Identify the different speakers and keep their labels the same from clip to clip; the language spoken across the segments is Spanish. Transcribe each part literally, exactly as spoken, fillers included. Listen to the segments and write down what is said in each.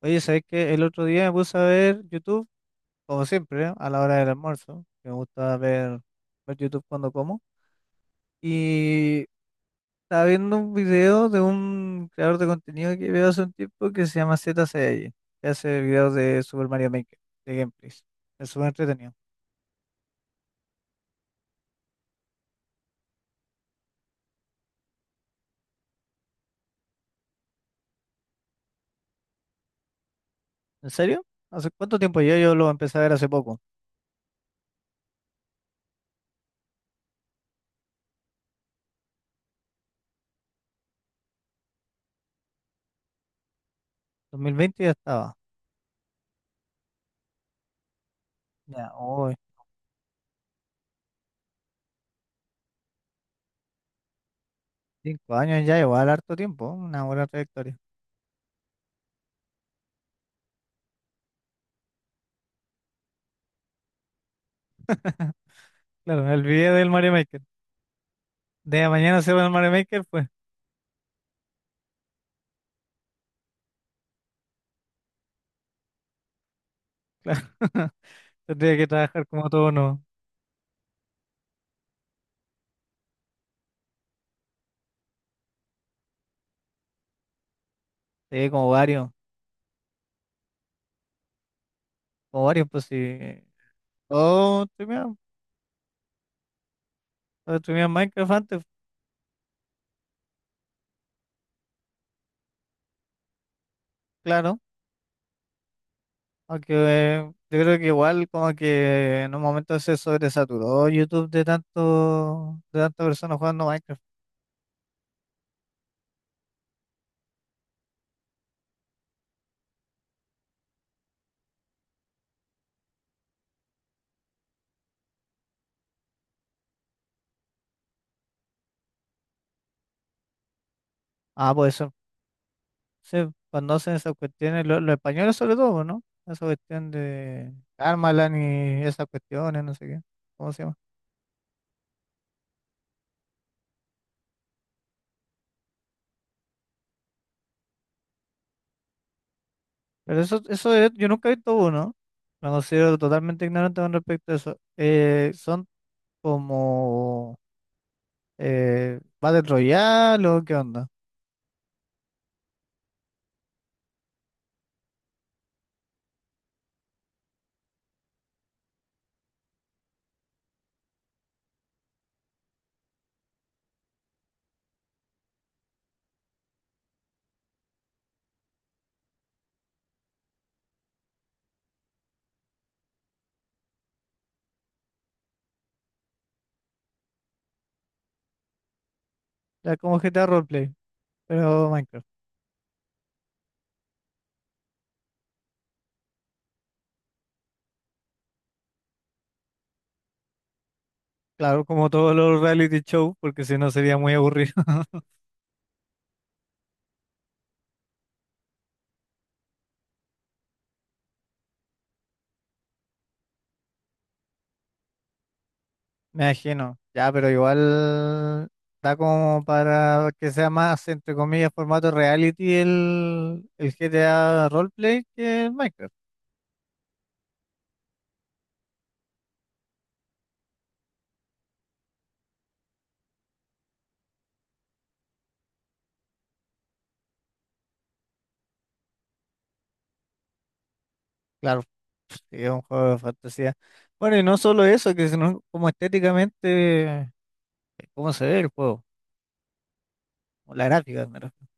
Speaker 1: Oye, ¿sabes qué? El otro día me puse a ver YouTube, como siempre, ¿eh?, a la hora del almuerzo, que me gusta ver, ver YouTube cuando como. Y estaba viendo un video de un creador de contenido que veo hace un tiempo que se llama Z Saiyajin, que hace videos de Super Mario Maker, de gameplays. Es súper entretenido. ¿En serio? ¿Hace cuánto tiempo? Yo, yo lo empecé a ver hace poco. dos mil veinte ya estaba. Ya, hoy, cinco años ya, igual harto tiempo, ¿eh?, una buena trayectoria. Claro, el video del Mario Maker. De mañana se va el Mario Maker, pues, claro. Tendría que trabajar como todo, ¿no? Sí, como varios. Como varios, pues sí. O streamear. O streamear Minecraft antes, claro. Aunque eh, yo creo que igual como que en un momento se sobresaturó YouTube de tanto, de tantas personas jugando Minecraft. Ah, pues eso. Sí, conocen esas cuestiones, lo- los, españoles sobre todo, ¿no? Esa cuestión de Karmaland y esas cuestiones, no sé qué. ¿Cómo se llama? Pero eso, eso es- yo nunca he visto uno. Me considero totalmente ignorante con respecto a eso. Eh, son como eh, Battle Royale o qué onda. Ya como G T A Roleplay, pero Minecraft. Claro, como todos los reality shows, porque si no sería muy aburrido. Me imagino. Ya, pero igual da como para que sea más, entre comillas, formato reality el, el G T A Roleplay que el Minecraft. Claro, pues, sí, es un juego de fantasía. Bueno, y no solo eso, que sino como estéticamente, eh, cómo se ve el juego, o la gráfica, me refiero.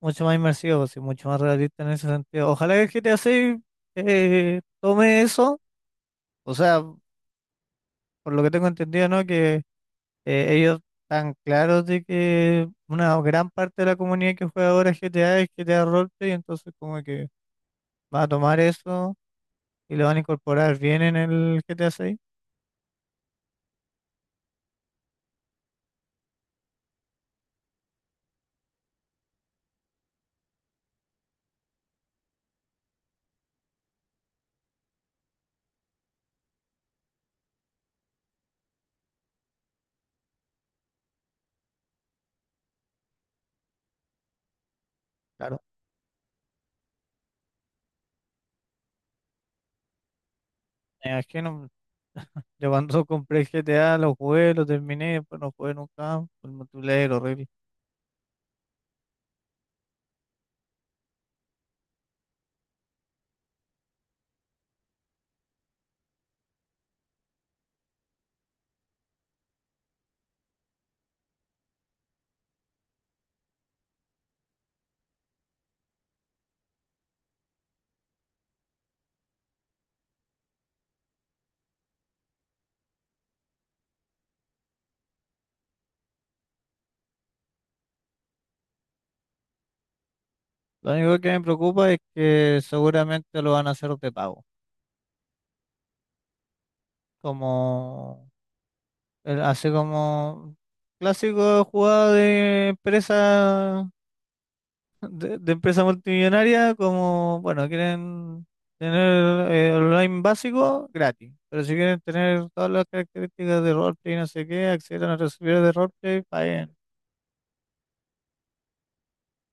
Speaker 1: Mucho más inmersivo, sí, mucho más realista en ese sentido. Ojalá que el G T A seis eh, tome eso, o sea, por lo que tengo entendido, ¿no? Que eh, ellos están claros de que una gran parte de la comunidad que juega ahora G T A es G T A Roleplay, entonces como que va a tomar eso y lo van a incorporar bien en el G T A seis. Claro, me imagino. Yo cuando compré el G T A lo jugué, lo terminé, pero no jugué nunca más, por el multiplayer horrible. Lo único que me preocupa es que seguramente lo van a hacer de pago. Como el- así como clásico jugada de empresa de, de empresa multimillonaria, como bueno, quieren tener eh, online básico gratis. Pero si quieren tener todas las características de roleplay y no sé qué, acceder a nuestros servidores de roleplay, paguen.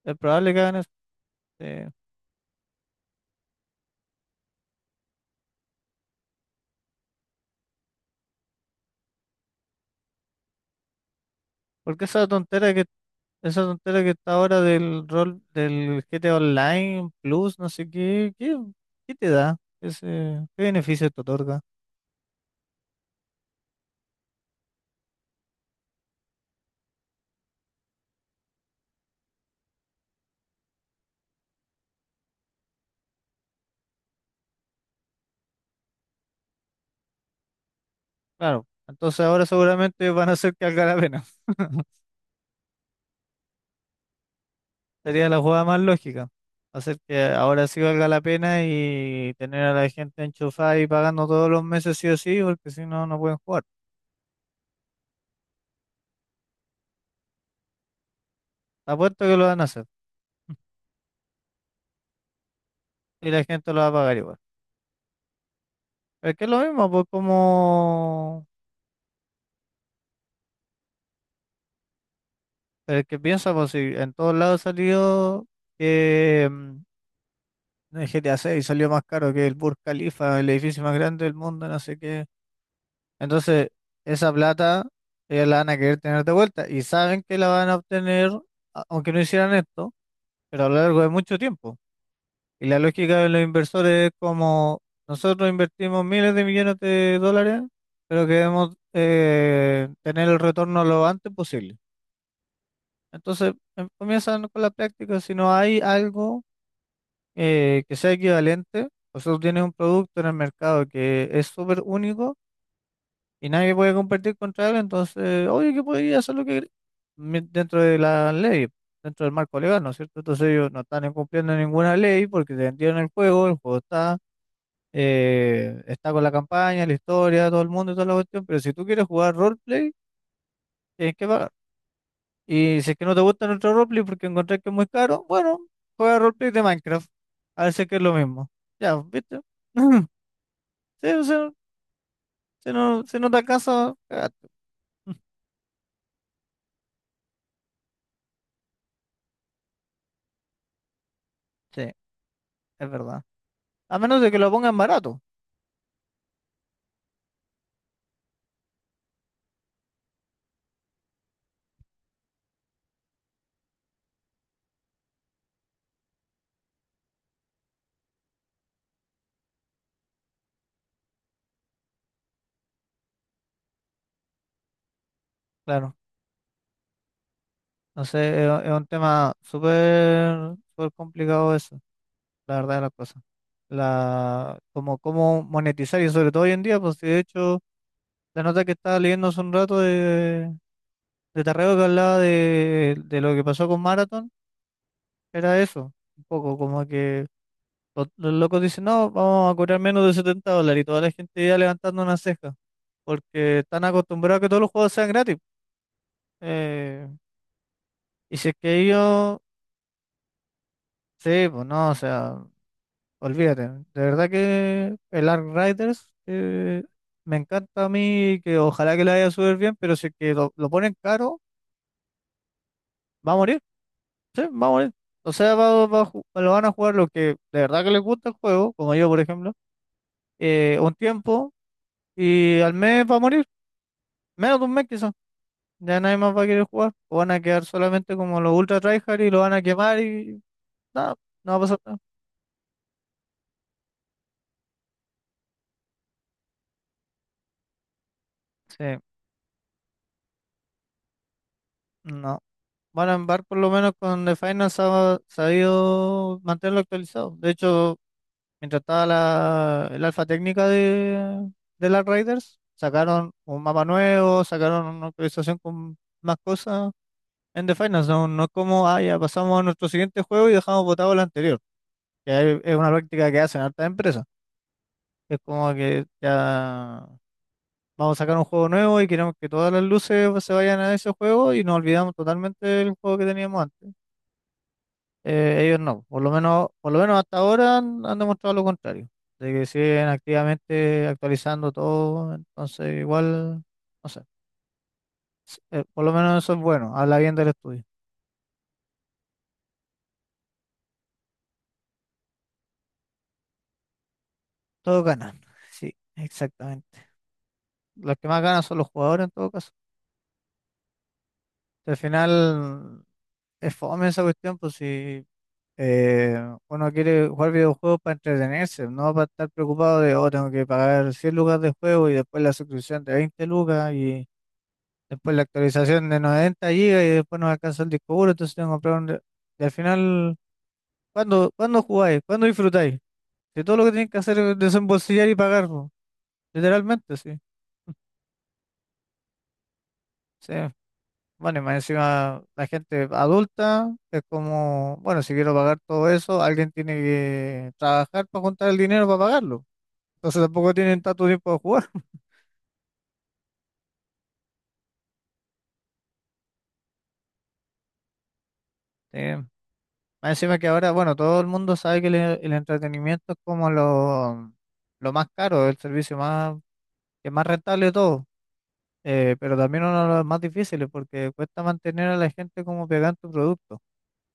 Speaker 1: Es probable que hagan eso, sí. Porque esa tontera que Esa tontera que está ahora del rol del G T A Online Plus, no sé qué, qué, qué, te da, ese, qué beneficio te otorga. Claro, entonces ahora seguramente van a hacer que valga la pena. Sería la jugada más lógica. Hacer que ahora sí valga la pena y tener a la gente enchufada y pagando todos los meses sí o sí, porque si no, no pueden jugar. Apuesto que lo van a hacer y la gente lo va a pagar igual. Es que es lo mismo, pues como. Pero es que piensa, pues si en todos lados salió que mm, el G T A seis salió más caro que el Burj Khalifa, el edificio más grande del mundo, no sé qué. Entonces, esa plata ellos la van a querer tener de vuelta y saben que la van a obtener, a- aunque no hicieran esto, pero a lo largo de mucho tiempo. Y la lógica de los inversores es como, nosotros invertimos miles de millones de dólares, pero queremos eh, tener el retorno lo antes posible. Entonces, em- comienzan con la práctica. Si no hay algo eh, que sea equivalente, o sea, tú tienes un producto en el mercado que es súper único y nadie puede competir contra él, entonces, oye, que podría hacer lo que quer- mi- dentro de la ley, dentro del marco legal, ¿no es cierto? Entonces ellos no están incumpliendo ninguna ley porque te vendieron el juego, el juego está, eh, está con la campaña, la historia, todo el mundo y toda la cuestión, pero si tú quieres jugar roleplay, tienes que pagar. Y si es que no te gusta nuestro roleplay porque encontrás que es muy caro, bueno, juega roleplay de Minecraft. A ver si es que es lo mismo. Ya, pues, ¿viste? Sí, o sea, si no, si no te alcanza, cagaste. Sí, es verdad. A menos de que lo pongan barato, claro. No sé, es, es un tema súper súper complicado eso, la verdad de las cosas. La, como cómo monetizar y sobre todo hoy en día, pues si de hecho, la nota que estaba leyendo hace un rato de, de Tarrego que hablaba de, de lo que pasó con Marathon. Era eso, un poco como que lo- los, locos dicen, no, vamos a cobrar menos de setenta dólares y toda la gente ya levantando una ceja, porque están acostumbrados a que todos los juegos sean gratis. Eh, y si es que ellos, sí, pues no, o sea, olvídate. De verdad que el Ark Riders eh, me encanta a mí, y que ojalá que le vaya súper bien, pero si es que lo, lo ponen caro, va a morir, sí, va a morir. O sea, va, va a ju- lo van a jugar los que de verdad que les gusta el juego, como yo, por ejemplo, eh, un tiempo. Y al mes va a morir, menos de un mes quizás. Ya nadie más va a querer jugar. O van a quedar solamente como los ultra tryhard y lo van a quemar y nada, no va a pasar nada. Sí, no. Van a embarcar por lo menos con The Final se ha sabido mantenerlo actualizado. De hecho, mientras estaba la, el alfa técnica de, de las Raiders, sacaron un mapa nuevo, sacaron una actualización con más cosas en The Final. No, no es como, ah, ya pasamos a nuestro siguiente juego y dejamos botado el anterior. Ya es es una práctica que hacen hartas empresas. Es como que ya vamos a sacar un juego nuevo y queremos que todas las luces, pues, se vayan a ese juego y nos olvidamos totalmente del juego que teníamos antes. Eh, ellos no, por lo menos, por lo menos hasta ahora han, han demostrado lo contrario, de que siguen activamente actualizando todo, entonces igual, no sé, s- eh, por lo menos eso es bueno, habla bien del estudio. Todos ganan, sí, exactamente. Los que más ganan son los jugadores en todo caso. Al final es fome esa cuestión, pues si Eh, uno quiere jugar videojuegos para entretenerse, no para estar preocupado de, oh, tengo que pagar cien lucas de juego y después la suscripción de veinte lucas y después la actualización de noventa gigas y después no me alcanza el disco duro, entonces tengo que comprar un re-. Y al final, ¿cuándo, cuándo jugáis? ¿Cuándo disfrutáis? Si todo lo que tenéis que hacer es desembolsillar y pagar, po. Literalmente, sí. Sí. Bueno, y más encima la gente adulta es como, bueno, si quiero pagar todo eso, alguien tiene que trabajar para juntar el dinero para pagarlo. Entonces tampoco tienen tanto tiempo de jugar. Eh, Más encima que ahora, bueno, todo el mundo sabe que el, el entretenimiento es como lo, lo, más caro, el servicio más, que es más rentable de todo, eh, pero también uno de los más difíciles porque cuesta mantener a la gente como pegada en tu producto,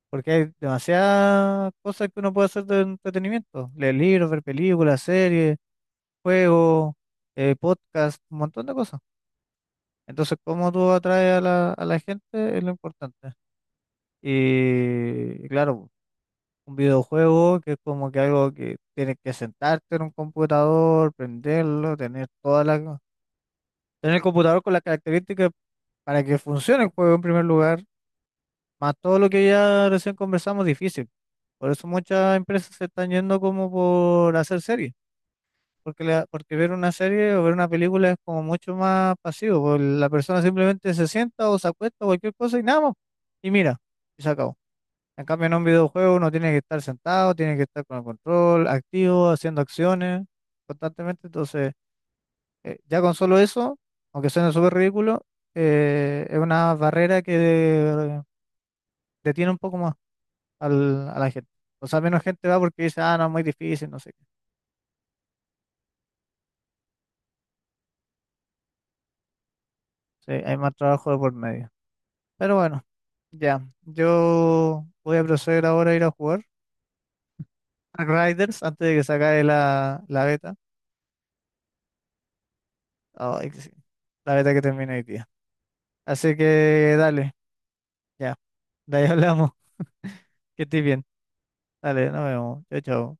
Speaker 1: porque hay demasiadas cosas que uno puede hacer de entretenimiento, leer libros, ver películas, series, juegos, eh, podcasts, un montón de cosas. Entonces, cómo tú atraes a la, a la gente es lo importante. Y claro, un videojuego que es como que algo que tienes que sentarte en un computador, prenderlo, tener toda la, tener el computador con las características para que funcione el juego en primer lugar, más todo lo que ya recién conversamos, difícil. Por eso muchas empresas se están yendo como por hacer series, porque, la- porque ver una serie o ver una película es como mucho más pasivo, porque la persona simplemente se sienta o se acuesta o cualquier cosa y nada más, y mira, y se acabó. En cambio, en un videojuego uno tiene que estar sentado, tiene que estar con el control activo, haciendo acciones constantemente. Entonces, eh, ya con solo eso, aunque suene súper ridículo, eh, es una barrera que de- detiene un poco más al- a la gente. O sea, menos gente va porque dice, ah, no, muy difícil, no sé qué. Sí, hay más trabajo de por medio. Pero bueno, ya. Yo voy a proceder ahora a ir a jugar a Riders antes de que se acabe la, la beta. Ay, que sí. La beta que termina hoy día. Así que dale. Ya, de ahí hablamos. Que estés bien. Dale, nos vemos. Chao, chao.